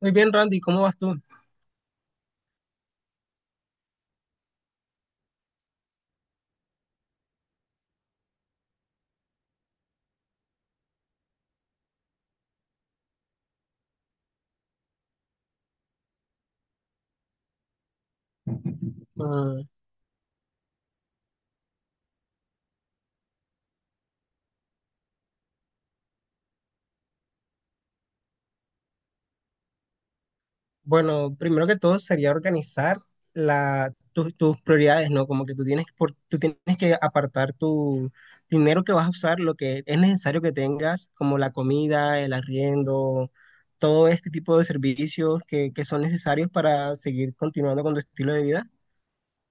Muy bien, Randy, ¿cómo vas tú? Mm, bueno, primero que todo sería organizar tus prioridades, ¿no? Como que tú tienes que apartar tu dinero que vas a usar, lo que es necesario que tengas, como la comida, el arriendo, todo este tipo de servicios que son necesarios para seguir continuando con tu estilo de vida.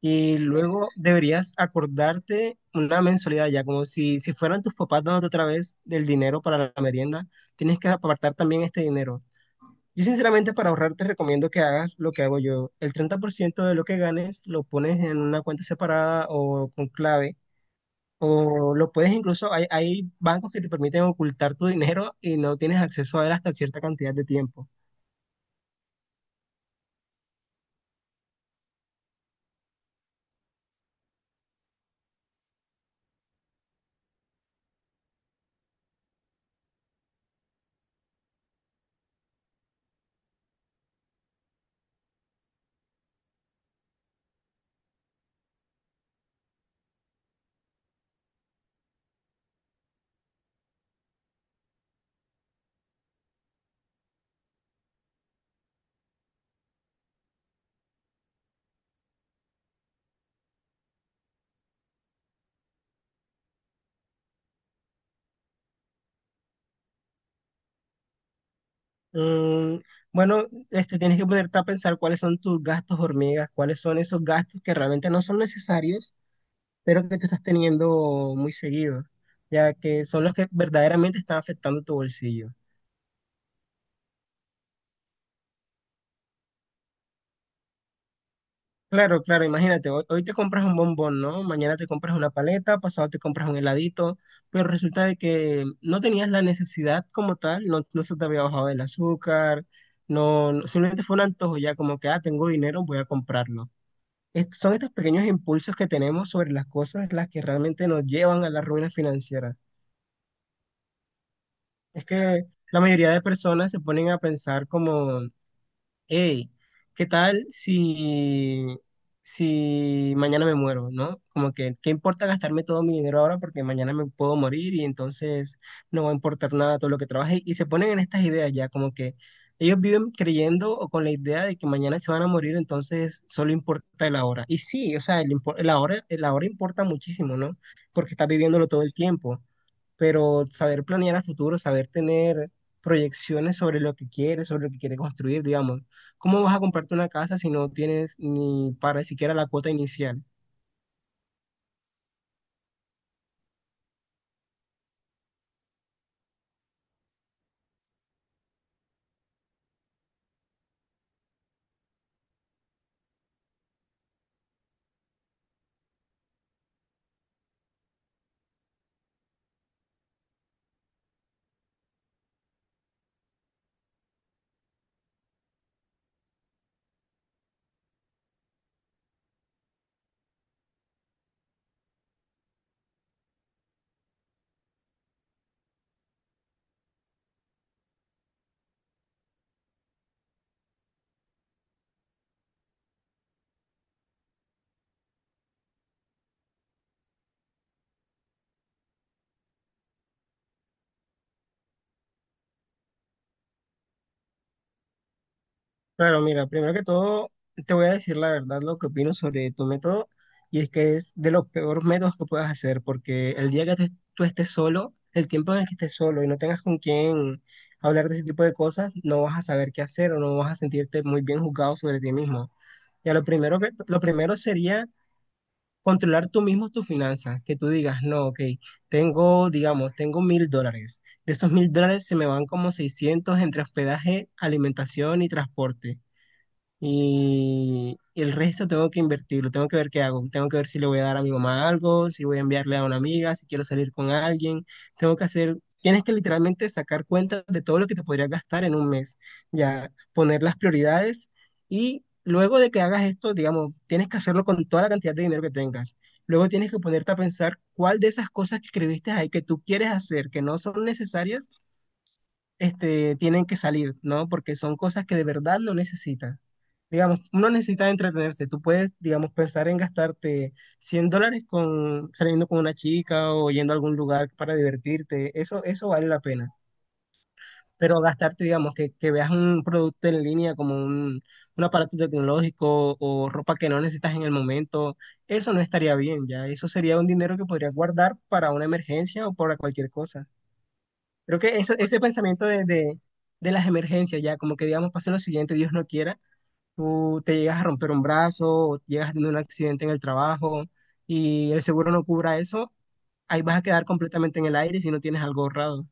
Y luego deberías acordarte una mensualidad ya, como si fueran tus papás dándote otra vez el dinero para la merienda, tienes que apartar también este dinero. Yo sinceramente para ahorrar te recomiendo que hagas lo que hago yo. El 30% de lo que ganes lo pones en una cuenta separada o con clave. O lo puedes incluso, hay bancos que te permiten ocultar tu dinero y no tienes acceso a él hasta cierta cantidad de tiempo. Mm, bueno, este, tienes que ponerte a pensar cuáles son tus gastos hormigas, cuáles son esos gastos que realmente no son necesarios, pero que tú estás teniendo muy seguido, ya que son los que verdaderamente están afectando tu bolsillo. Claro, claro, imagínate, hoy te compras un bombón, ¿no? Mañana te compras una paleta, pasado te compras un heladito, pero resulta de que no tenías la necesidad como tal, no, no se te había bajado el azúcar, simplemente fue un antojo ya como que, ah, tengo dinero, voy a comprarlo. Son estos pequeños impulsos que tenemos sobre las cosas las que realmente nos llevan a la ruina financiera. Es que la mayoría de personas se ponen a pensar como hey, ¿qué tal si mañana me muero, no? Como que, ¿qué importa gastarme todo mi dinero ahora porque mañana me puedo morir y entonces no va a importar nada todo lo que trabaje? Y se ponen en estas ideas ya, como que ellos viven creyendo o con la idea de que mañana se van a morir, entonces solo importa el ahora. Y sí, o sea, el ahora importa muchísimo, ¿no? Porque estás viviéndolo todo el tiempo, pero saber planear a futuro, saber tener proyecciones sobre lo que quieres, sobre lo que quieres construir, digamos. ¿Cómo vas a comprarte una casa si no tienes ni para siquiera la cuota inicial? Claro, mira, primero que todo, te voy a decir la verdad lo que opino sobre tu método, y es que es de los peores métodos que puedas hacer, porque el día que tú estés solo, el tiempo en el que estés solo y no tengas con quién hablar de ese tipo de cosas, no vas a saber qué hacer o no vas a sentirte muy bien juzgado sobre ti mismo. Ya lo primero sería controlar tú mismo tus finanzas, que tú digas, no, ok, tengo, digamos, tengo $1.000. De esos $1.000 se me van como 600 entre hospedaje, alimentación y transporte. Y el resto tengo que invertirlo, tengo que ver qué hago, tengo que ver si le voy a dar a mi mamá algo, si voy a enviarle a una amiga, si quiero salir con alguien, tengo que hacer, tienes que literalmente sacar cuentas de todo lo que te podrías gastar en un mes, ya poner las prioridades y luego de que hagas esto, digamos, tienes que hacerlo con toda la cantidad de dinero que tengas. Luego tienes que ponerte a pensar cuál de esas cosas que escribiste ahí que tú quieres hacer, que no son necesarias, este, tienen que salir, ¿no? Porque son cosas que de verdad no necesitas. Digamos, no necesitas entretenerse. Tú puedes, digamos, pensar en gastarte $100 con, saliendo con una chica o yendo a algún lugar para divertirte. Eso vale la pena. Pero gastarte, digamos, que veas un producto en línea como un aparato tecnológico o ropa que no necesitas en el momento, eso no estaría bien, ya. Eso sería un dinero que podrías guardar para una emergencia o para cualquier cosa. Creo que eso, ese pensamiento de las emergencias, ya, como que, digamos, pase lo siguiente, Dios no quiera tú te llegas a romper un brazo o llegas a tener un accidente en el trabajo y el seguro no cubra eso, ahí vas a quedar completamente en el aire si no tienes algo ahorrado.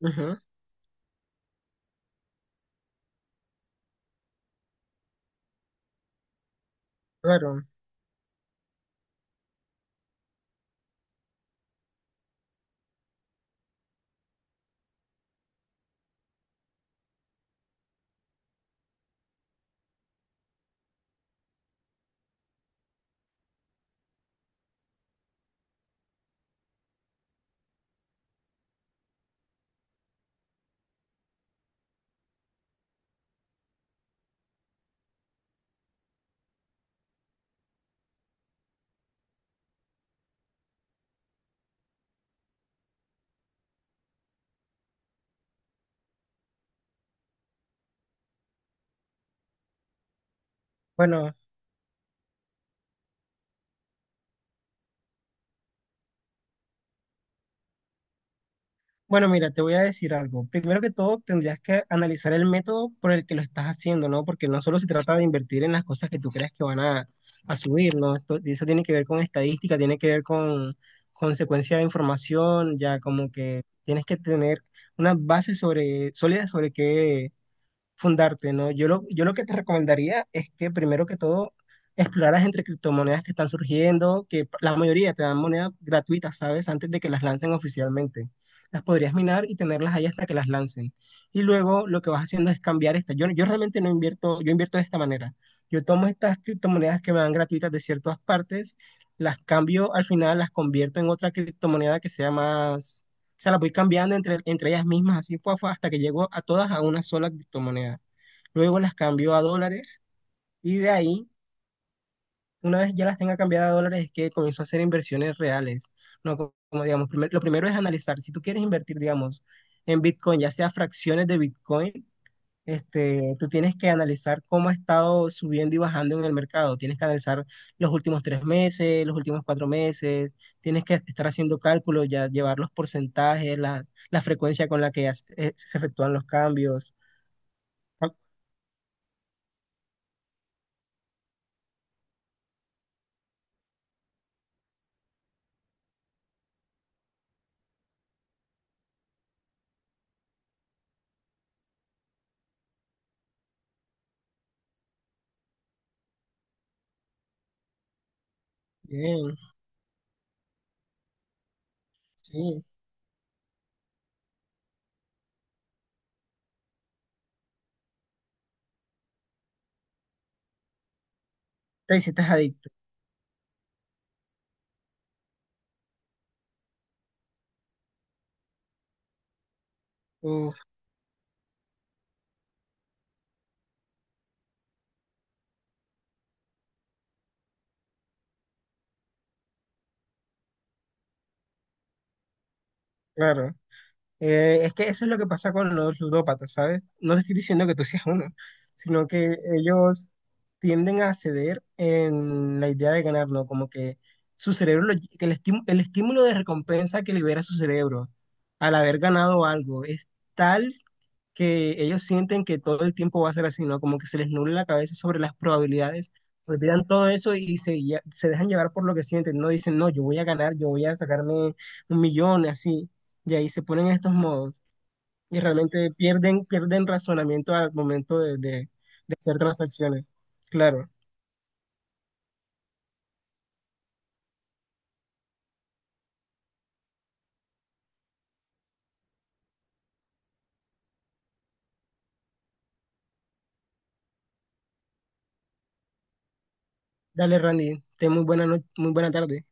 Ujú, claro. Bueno, bueno, mira, te voy a decir algo. Primero que todo, tendrías que analizar el método por el que lo estás haciendo, ¿no? Porque no solo se trata de invertir en las cosas que tú creas que van a subir, ¿no? Esto, eso tiene que ver con estadística, tiene que ver con consecuencia de información, ya como que tienes que tener una base sobre, sólida sobre qué, fundarte, ¿no? Yo lo que te recomendaría es que primero que todo exploraras entre criptomonedas que están surgiendo, que p- la mayoría te dan monedas gratuitas, ¿sabes? Antes de que las lancen oficialmente. Las podrías minar y tenerlas ahí hasta que las lancen. Y luego lo que vas haciendo es cambiar esta. Yo realmente no invierto, yo invierto de esta manera. Yo tomo estas criptomonedas que me dan gratuitas de ciertas partes, las cambio al final, las convierto en otra criptomoneda que sea más sea, las voy cambiando entre ellas mismas, así fue, hasta que llegó a todas a una sola criptomoneda. Luego las cambio a dólares y de ahí, una vez ya las tenga cambiadas a dólares, es que comenzó a hacer inversiones reales. No, como, digamos, lo primero es analizar. Si tú quieres invertir, digamos, en Bitcoin, ya sea fracciones de Bitcoin, este, tú tienes que analizar cómo ha estado subiendo y bajando en el mercado. Tienes que analizar los últimos 3 meses, los últimos 4 meses. Tienes que estar haciendo cálculos, ya llevar los porcentajes, la frecuencia con la que se efectúan los cambios. Ah, bien, sí. Te hiciste adicto. Uf, claro. Es que eso es lo que pasa con los ludópatas, ¿sabes? No te estoy diciendo que tú seas uno, sino que ellos tienden a ceder en la idea de ganar, ¿no? Como que su cerebro, que el estímulo de recompensa que libera su cerebro al haber ganado algo es tal que ellos sienten que todo el tiempo va a ser así, ¿no? Como que se les nubla la cabeza sobre las probabilidades, olvidan todo eso y se dejan llevar por lo que sienten, no dicen, no, yo voy a ganar, yo voy a sacarme un millón, así, y ahí se ponen en estos modos y realmente pierden razonamiento al momento de hacer transacciones. Claro, dale Randy, ten muy buena, no- muy buena tarde.